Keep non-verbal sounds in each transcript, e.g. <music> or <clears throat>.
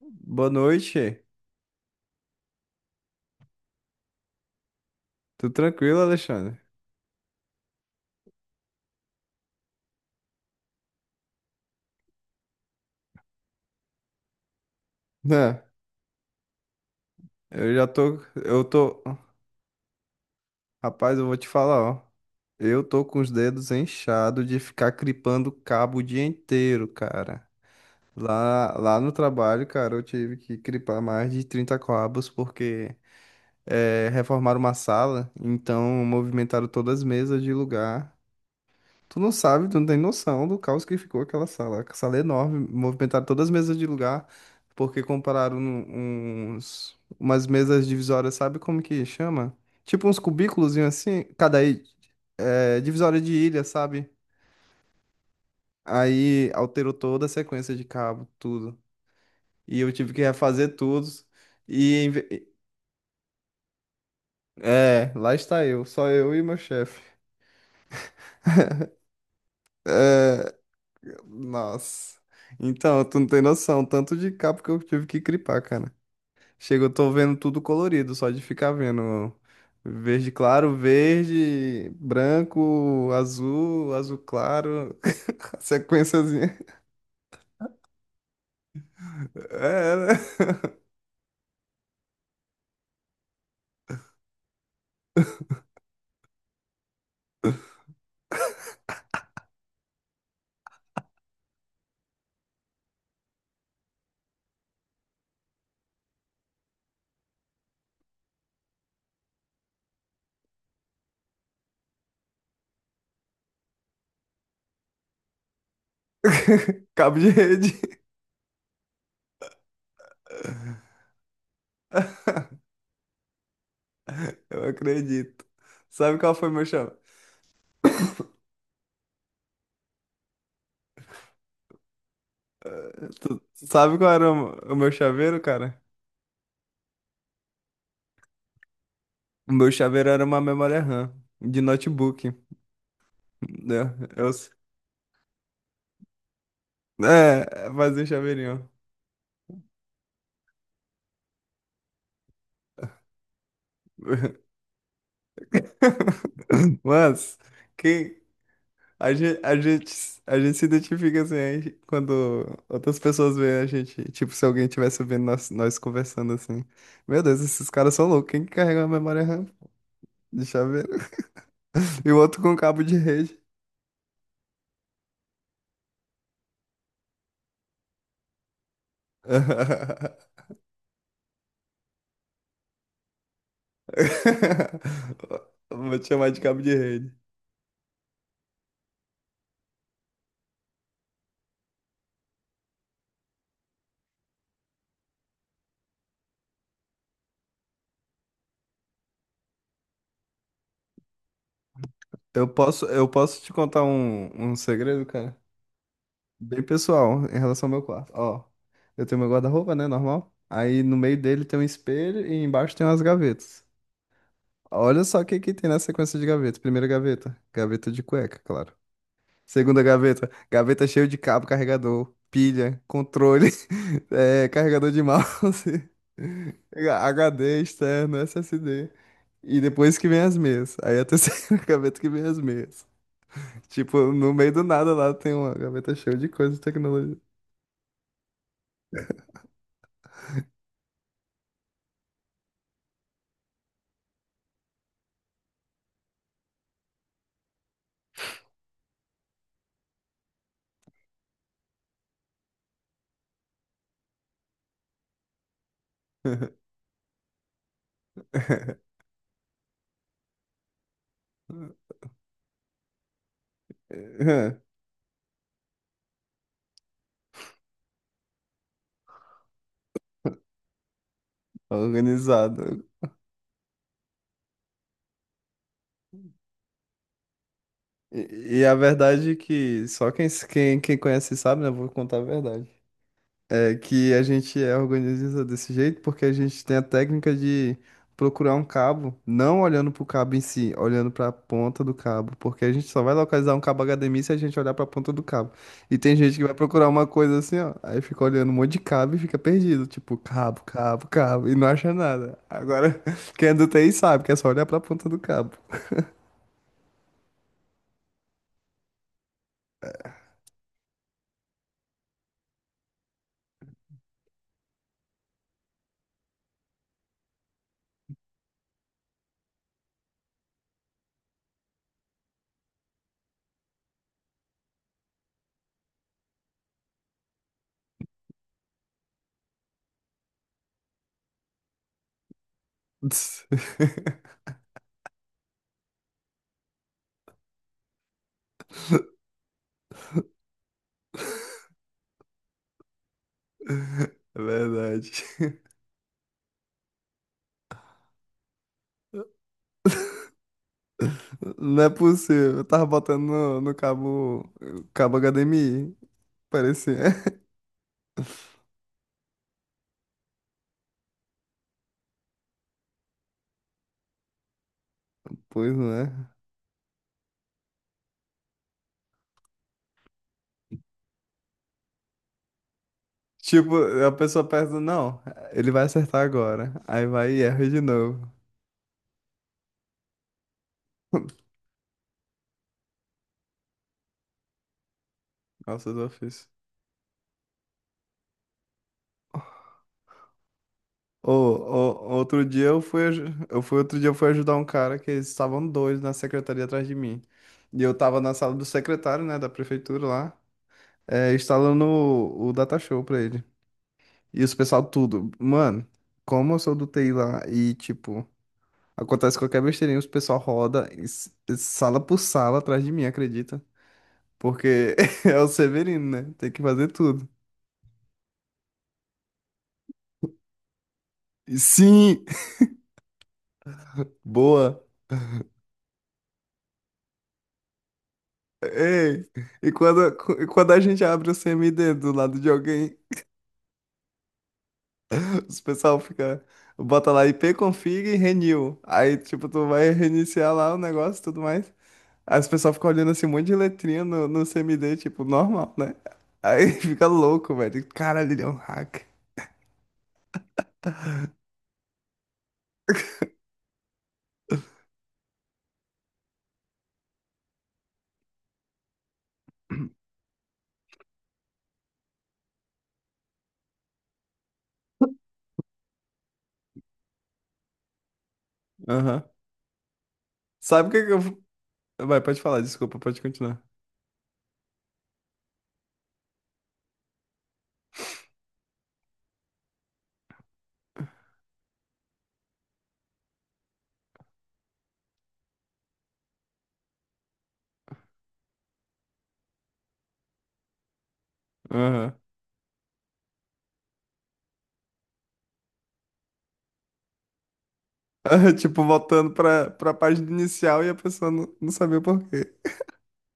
Boa noite. Tudo tranquilo, Alexandre? Né? Eu já tô, eu tô, Rapaz, eu vou te falar, ó. Eu tô com os dedos inchados de ficar cripando cabo o dia inteiro, cara. Lá no trabalho, cara, eu tive que cripar mais de 30 cabos porque reformaram uma sala, então movimentaram todas as mesas de lugar. Tu não sabe, tu não tem noção do caos que ficou aquela sala. A sala é enorme, movimentaram todas as mesas de lugar, porque compraram umas mesas divisórias, sabe como que chama? Tipo uns cubículos assim, divisória de ilha, sabe? Aí alterou toda a sequência de cabo, tudo. E eu tive que refazer tudo. E em ve- Lá está eu, só eu e meu chefe. É. Nossa. Então, tu não tem noção, tanto de cabo que eu tive que clipar, cara. Chega, eu tô vendo tudo colorido, só de ficar vendo verde claro, verde, branco, azul, azul claro, <laughs> sequenciazinha. É, né? <laughs> Cabo de rede. <laughs> Eu acredito. Sabe qual foi meu chave? Tu sabe qual era o meu chaveiro, cara? O meu chaveiro era uma memória RAM de notebook. Né? Fazia um chaveirinho. <laughs> Mas, quem, a gente se identifica assim aí quando outras pessoas veem a gente. Tipo, se alguém estivesse vendo nós, nós conversando assim. Meu Deus, esses caras são loucos. Quem que carrega a memória RAM de chaveiro? <laughs> E o outro com cabo de rede. <laughs> Vou te chamar de cabo de rede. Eu posso te contar um segredo, cara? Bem pessoal, em relação ao meu quarto. Ó, eu tenho meu guarda-roupa, né? Normal. Aí no meio dele tem um espelho e embaixo tem umas gavetas. Olha só o que que tem na sequência de gaveta. Primeira gaveta, gaveta de cueca, claro. Segunda gaveta, gaveta cheia de cabo, carregador, pilha, controle, <laughs> carregador de mouse, <laughs> HD externo, SSD. E depois que vem as meias. Aí a terceira <laughs> gaveta que vem as meias. Tipo, no meio do nada lá tem uma gaveta cheia de coisa de tecnologia. <laughs> Organizado. E a verdade é que só quem conhece sabe, né? Vou contar a verdade. É que a gente é organiza desse jeito porque a gente tem a técnica de procurar um cabo, não olhando pro cabo em si, olhando pra ponta do cabo, porque a gente só vai localizar um cabo HDMI se a gente olhar pra ponta do cabo. E tem gente que vai procurar uma coisa assim, ó, aí fica olhando um monte de cabo e fica perdido, tipo cabo, cabo, cabo, e não acha nada. Agora, <laughs> quem é do T TI sabe que é só olhar pra ponta do cabo. <laughs> É verdade. <laughs> Não é possível. Eu tava botando no cabo, HDMI. Parecia. <laughs> Pois não é. Tipo, a pessoa pensa, não, ele vai acertar agora. Aí vai e erra de novo. <laughs> Nossa, eu fiz. Ô, outro dia eu fui ajudar um cara que eles estavam dois na secretaria atrás de mim. E eu tava na sala do secretário, né, da prefeitura lá, instalando o Datashow pra ele. E os pessoal tudo, mano, como eu sou do TI lá e tipo. Acontece qualquer besteirinha, os pessoal roda e sala por sala atrás de mim, acredita? Porque <laughs> é o Severino, né? Tem que fazer tudo. E sim! <laughs> Boa! Ei! E quando, e quando a gente abre o CMD do lado de alguém, <laughs> os pessoal fica. Bota lá ipconfig e renew. Aí, tipo, tu vai reiniciar lá o negócio e tudo mais. Aí os pessoal ficam olhando assim, um monte de letrinha no CMD, tipo, normal, né? Aí <laughs> fica louco, velho. Caralho, ele é um hack. Aham. Sabe o que que eu. Vai, pode falar, desculpa, pode continuar. Aham. <laughs> Tipo, voltando pra página inicial e a pessoa não sabia o porquê.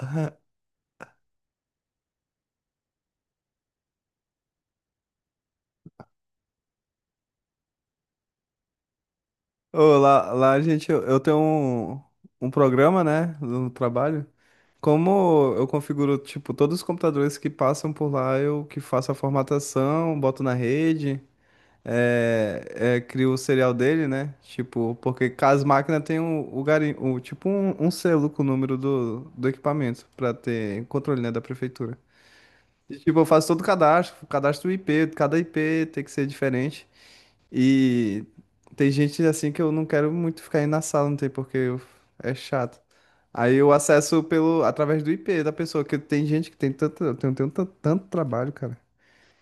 Aham. Ô, lá, gente, eu tenho um programa, né, no trabalho. Como eu configuro, tipo, todos os computadores que passam por lá, eu que faço a formatação, boto na rede, é, crio o serial dele, né? Tipo, porque cada máquina tem um, o garim, o, tipo um, um selo com o número do, do equipamento, pra ter controle, né, da prefeitura. E, tipo, eu faço todo o cadastro do IP, cada IP tem que ser diferente. E tem gente assim que eu não quero muito ficar aí na sala, não tem porque é chato. Aí eu acesso pelo através do IP da pessoa, que tem gente que tem tanto, eu tenho tanto trabalho, cara,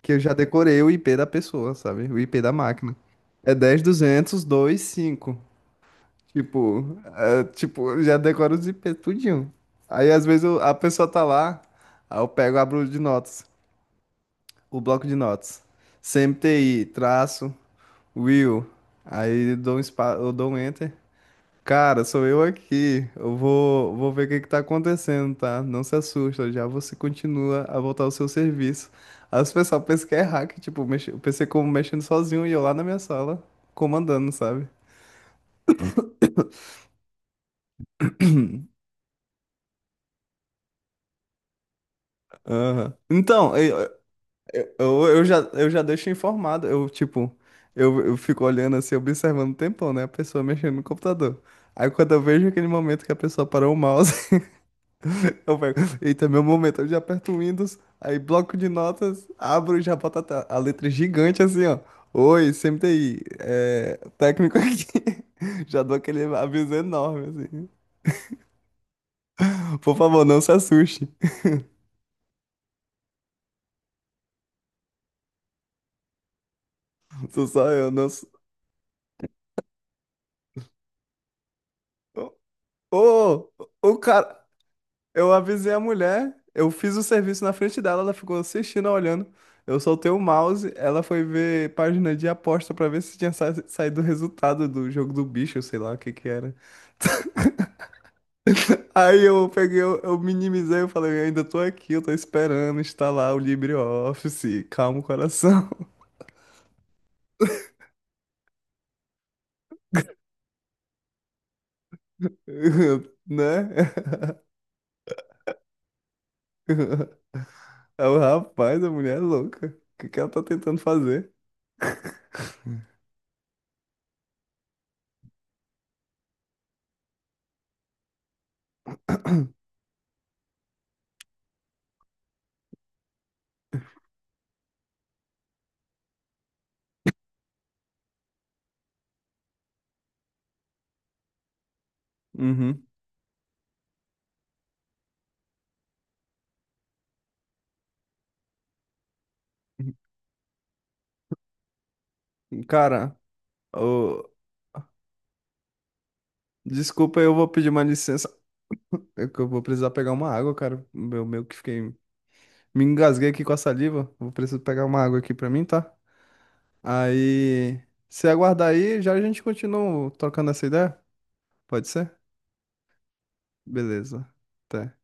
que eu já decorei o IP da pessoa, sabe? O IP da máquina. É 10.200.2.5. Tipo, eu já decoro os IP tudinho. Aí às vezes a pessoa tá lá, aí eu pego, abro de notas o bloco de notas. CMTI, traço, Will. Aí eu dou um enter. Cara, sou eu aqui. Eu vou ver o que que tá acontecendo, tá? Não se assusta, já você continua a voltar ao seu serviço. Aí o pessoal pensa que é hack, tipo, mexe, o PC como mexendo sozinho e eu lá na minha sala, comandando, sabe? Aham. Então, eu já deixo informado. Eu, tipo, eu fico olhando assim, observando o tempão, né? A pessoa mexendo no computador. Aí quando eu vejo aquele momento que a pessoa parou o mouse, <laughs> eu pego, eita, meu momento, eu já aperto o Windows, aí bloco de notas, abro e já boto a, a letra gigante assim, ó. Oi, CMTI, técnico aqui. <laughs> Já dou aquele aviso enorme, assim. Por favor, não se assuste. Sou só eu, não. Ô, ô, o cara. Eu avisei a mulher, eu fiz o serviço na frente dela, ela ficou assistindo, olhando. Eu soltei o mouse, ela foi ver página de aposta pra ver se tinha saído o resultado do jogo do bicho, sei lá o que que era. <laughs> Aí eu peguei, eu minimizei, eu falei, eu ainda tô aqui, eu tô esperando instalar o LibreOffice, calma o coração, <laughs> né? <laughs> Aí o rapaz, a mulher é louca, o que que ela tá tentando fazer? <clears throat> Uhum. Cara, desculpa, eu vou pedir uma licença. É que eu vou precisar pegar uma água, cara. Eu meio que fiquei. Me engasguei aqui com a saliva. Vou precisar pegar uma água aqui pra mim, tá? Aí. Se aguardar aí, já a gente continua trocando essa ideia? Pode ser? Beleza. Até.